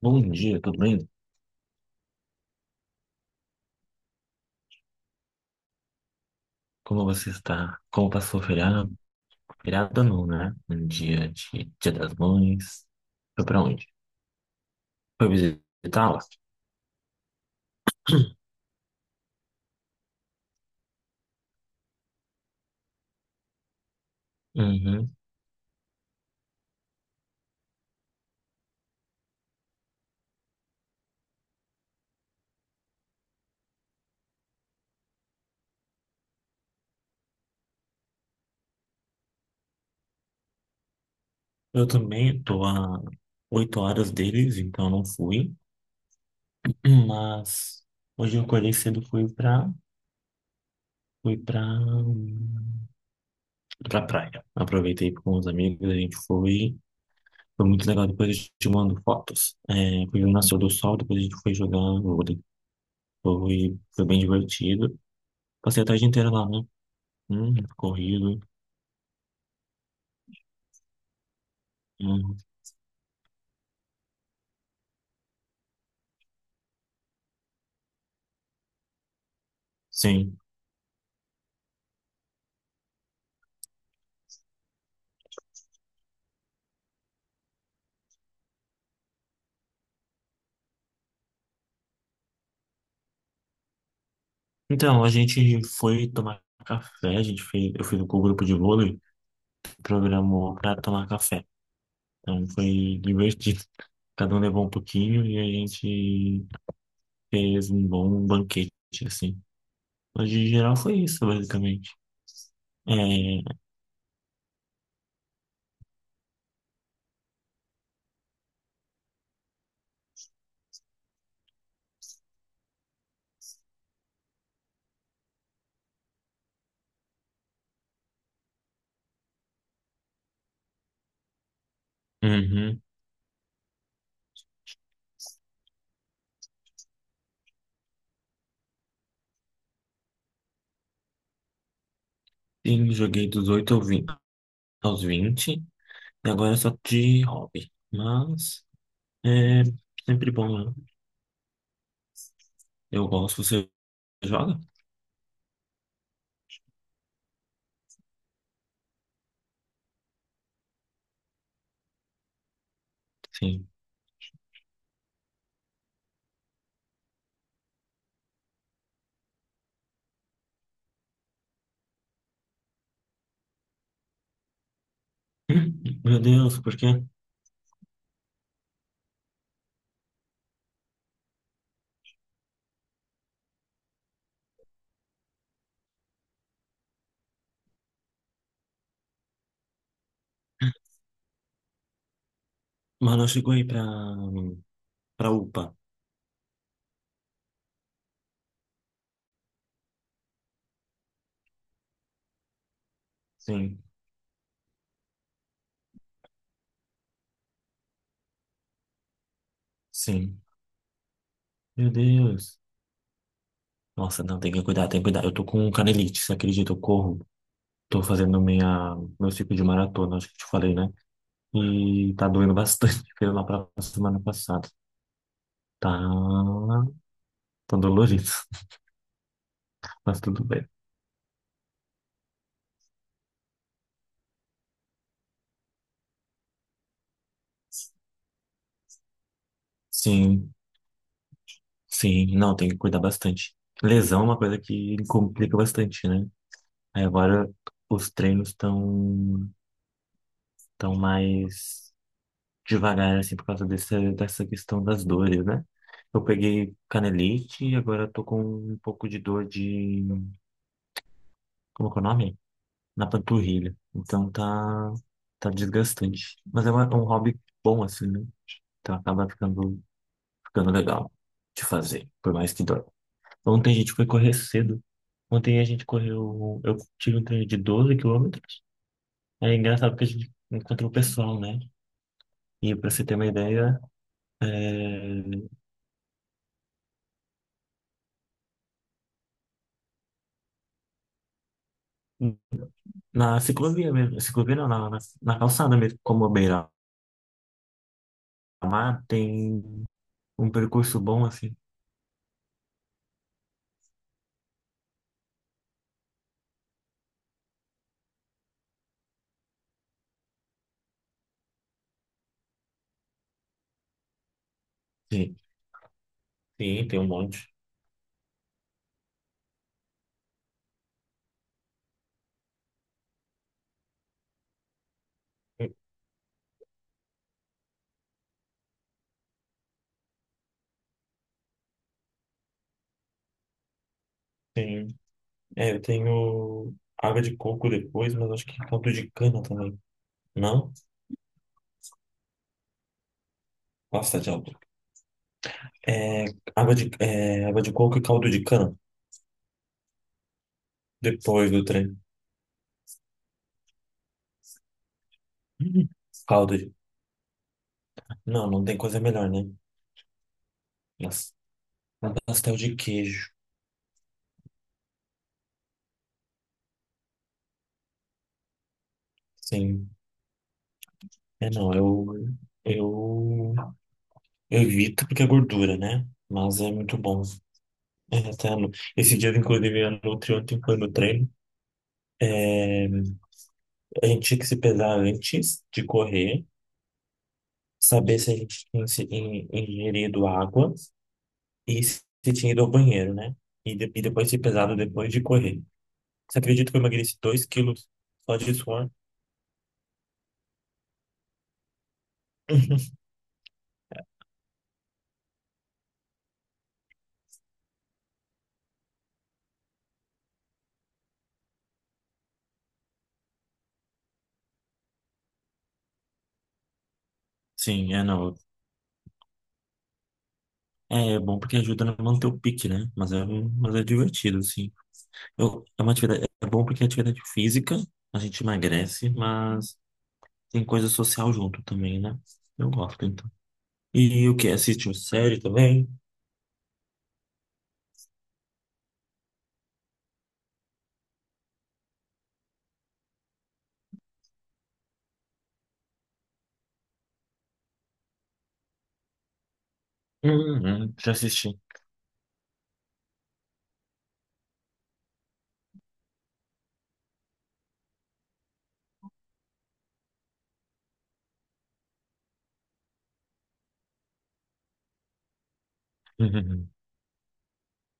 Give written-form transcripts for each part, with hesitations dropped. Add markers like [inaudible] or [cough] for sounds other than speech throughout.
Bom dia, tudo bem? Como você está? Como passou o feriado? Feriado não, né? Um dia de Dia das Mães. Foi pra onde? Foi visitá-la? Uhum. Eu também tô a 8 horas deles, então não fui. Mas hoje eu acordei cedo, fui pra praia. Aproveitei com os amigos, a gente foi. Foi muito legal, depois eu te mando fotos. É, foi o nascer do sol, depois a gente foi jogar vôlei. Foi bem divertido. Passei a tarde inteira lá, né? Corrido. Hum, sim. Então, a gente foi tomar café, eu fui com o grupo de vôlei, programou pra tomar café. Então foi divertido. Cada um levou um pouquinho e a gente fez um bom banquete, assim. Mas de geral foi isso, basicamente. É, uhum. Sim, joguei dos 8 ao 20 aos 20, e agora é só de hobby. Mas é sempre bom, né? Eu gosto, você joga? Sim. Meu Deus, por quê? Mas não chegou aí pra UPA. Sim, sim. Meu Deus. Nossa, não, tem que cuidar, tem que cuidar. Eu tô com canelite, você acredita? Eu corro. Tô fazendo meu ciclo de maratona, acho que te falei, né? E tá doendo bastante, [laughs] porque lá pra semana passada. Tá, tá dolorido, [laughs] mas tudo bem. Sim, sim. Não, tem que cuidar bastante. Lesão é uma coisa que complica bastante, né? Aí agora os treinos estão tão mais devagar, assim, por causa dessa questão das dores, né? Eu peguei canelite e agora eu tô com um pouco de dor de... Como é que é o nome? Na panturrilha. Então tá desgastante. Mas é um hobby bom, assim, né? Então acaba ficando, ficando legal de fazer, por mais que dói. Ontem a gente foi correr cedo. Ontem a gente correu, eu tive um treino de 12 quilômetros. É engraçado porque a gente encontrou o pessoal, né? E pra você ter uma ideia, é. Na ciclovia mesmo, ciclovia não, na calçada mesmo, como a beira-mar, tem um percurso bom assim. Sim, sim, tem um monte. Tem, é, eu tenho água de coco depois, mas acho que caldo de cana também. Não? Nossa, tá de álcool. É, água de coco e caldo de cana depois do trem. [laughs] Uhum. Caldo de... Não, não tem coisa melhor, né? Nossa, um pastel de queijo. Sim. É, não, Eu Eu evito porque é gordura, né? Mas é muito bom. É, até no- Esses dias, inclusive, a Nutri ontem foi no treino. É, a gente tinha que se pesar antes de correr, saber se a gente tinha ingerido água e se tinha ido ao banheiro, né? E depois se pesado depois de correr. Você acredita que eu emagreci 2 quilos só de suor? [laughs] Sim, é não. É, é bom porque ajuda a manter o pique, né? Mas é divertido, assim. É uma atividade, é bom porque é atividade física, a gente emagrece, mas tem coisa social junto também, né? Eu gosto, então. E o que? Assiste série também? Uhum, já assisti. [laughs] Uhum,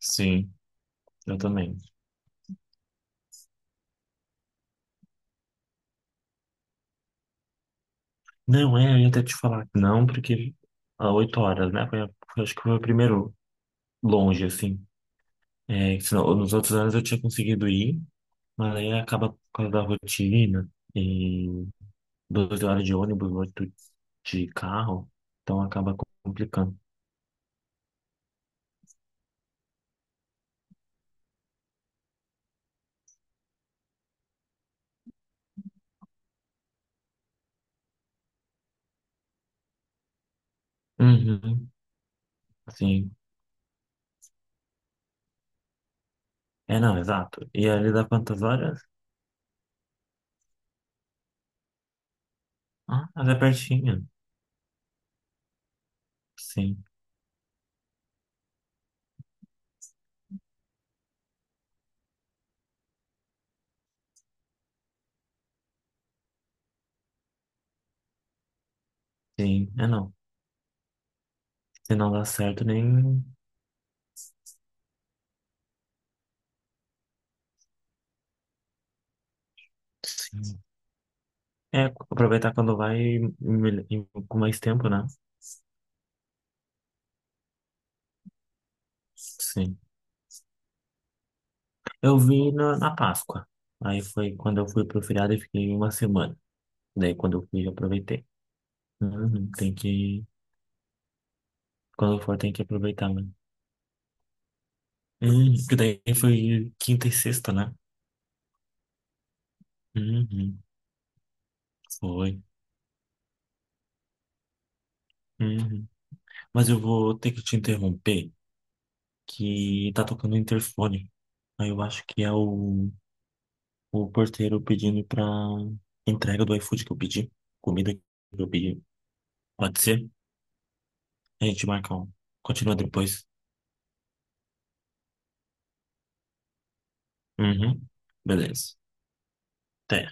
sim, eu também. Não, é, eu ia até te falar que não, porque há 8 horas, né? Acho que foi o primeiro longe, assim. É, senão, nos outros anos eu tinha conseguido ir, mas aí acaba por causa da rotina e 12 horas de ônibus, 8 de carro, então acaba complicando. Uhum, sim. É, não, exato. E ali dá quantas horas? Ah, mas é pertinho. Sim, sim. É, não. Se não dá certo, nem... Sim. É, aproveitar quando vai com mais tempo, né? Sim. Eu vi na Páscoa. Aí foi quando eu fui pro feriado e fiquei uma semana. Daí quando eu fui, eu aproveitei. Uhum, tem que... Quando eu for, tem que aproveitar, né? Que daí foi quinta e sexta, né? Uhum, foi. Uhum. Mas eu vou ter que te interromper, que tá tocando o interfone. Aí eu acho que é o porteiro pedindo pra entrega do iFood que eu pedi. Comida que eu pedi. Pode ser? A gente marca um. Continua depois. Uhum. Beleza. Até.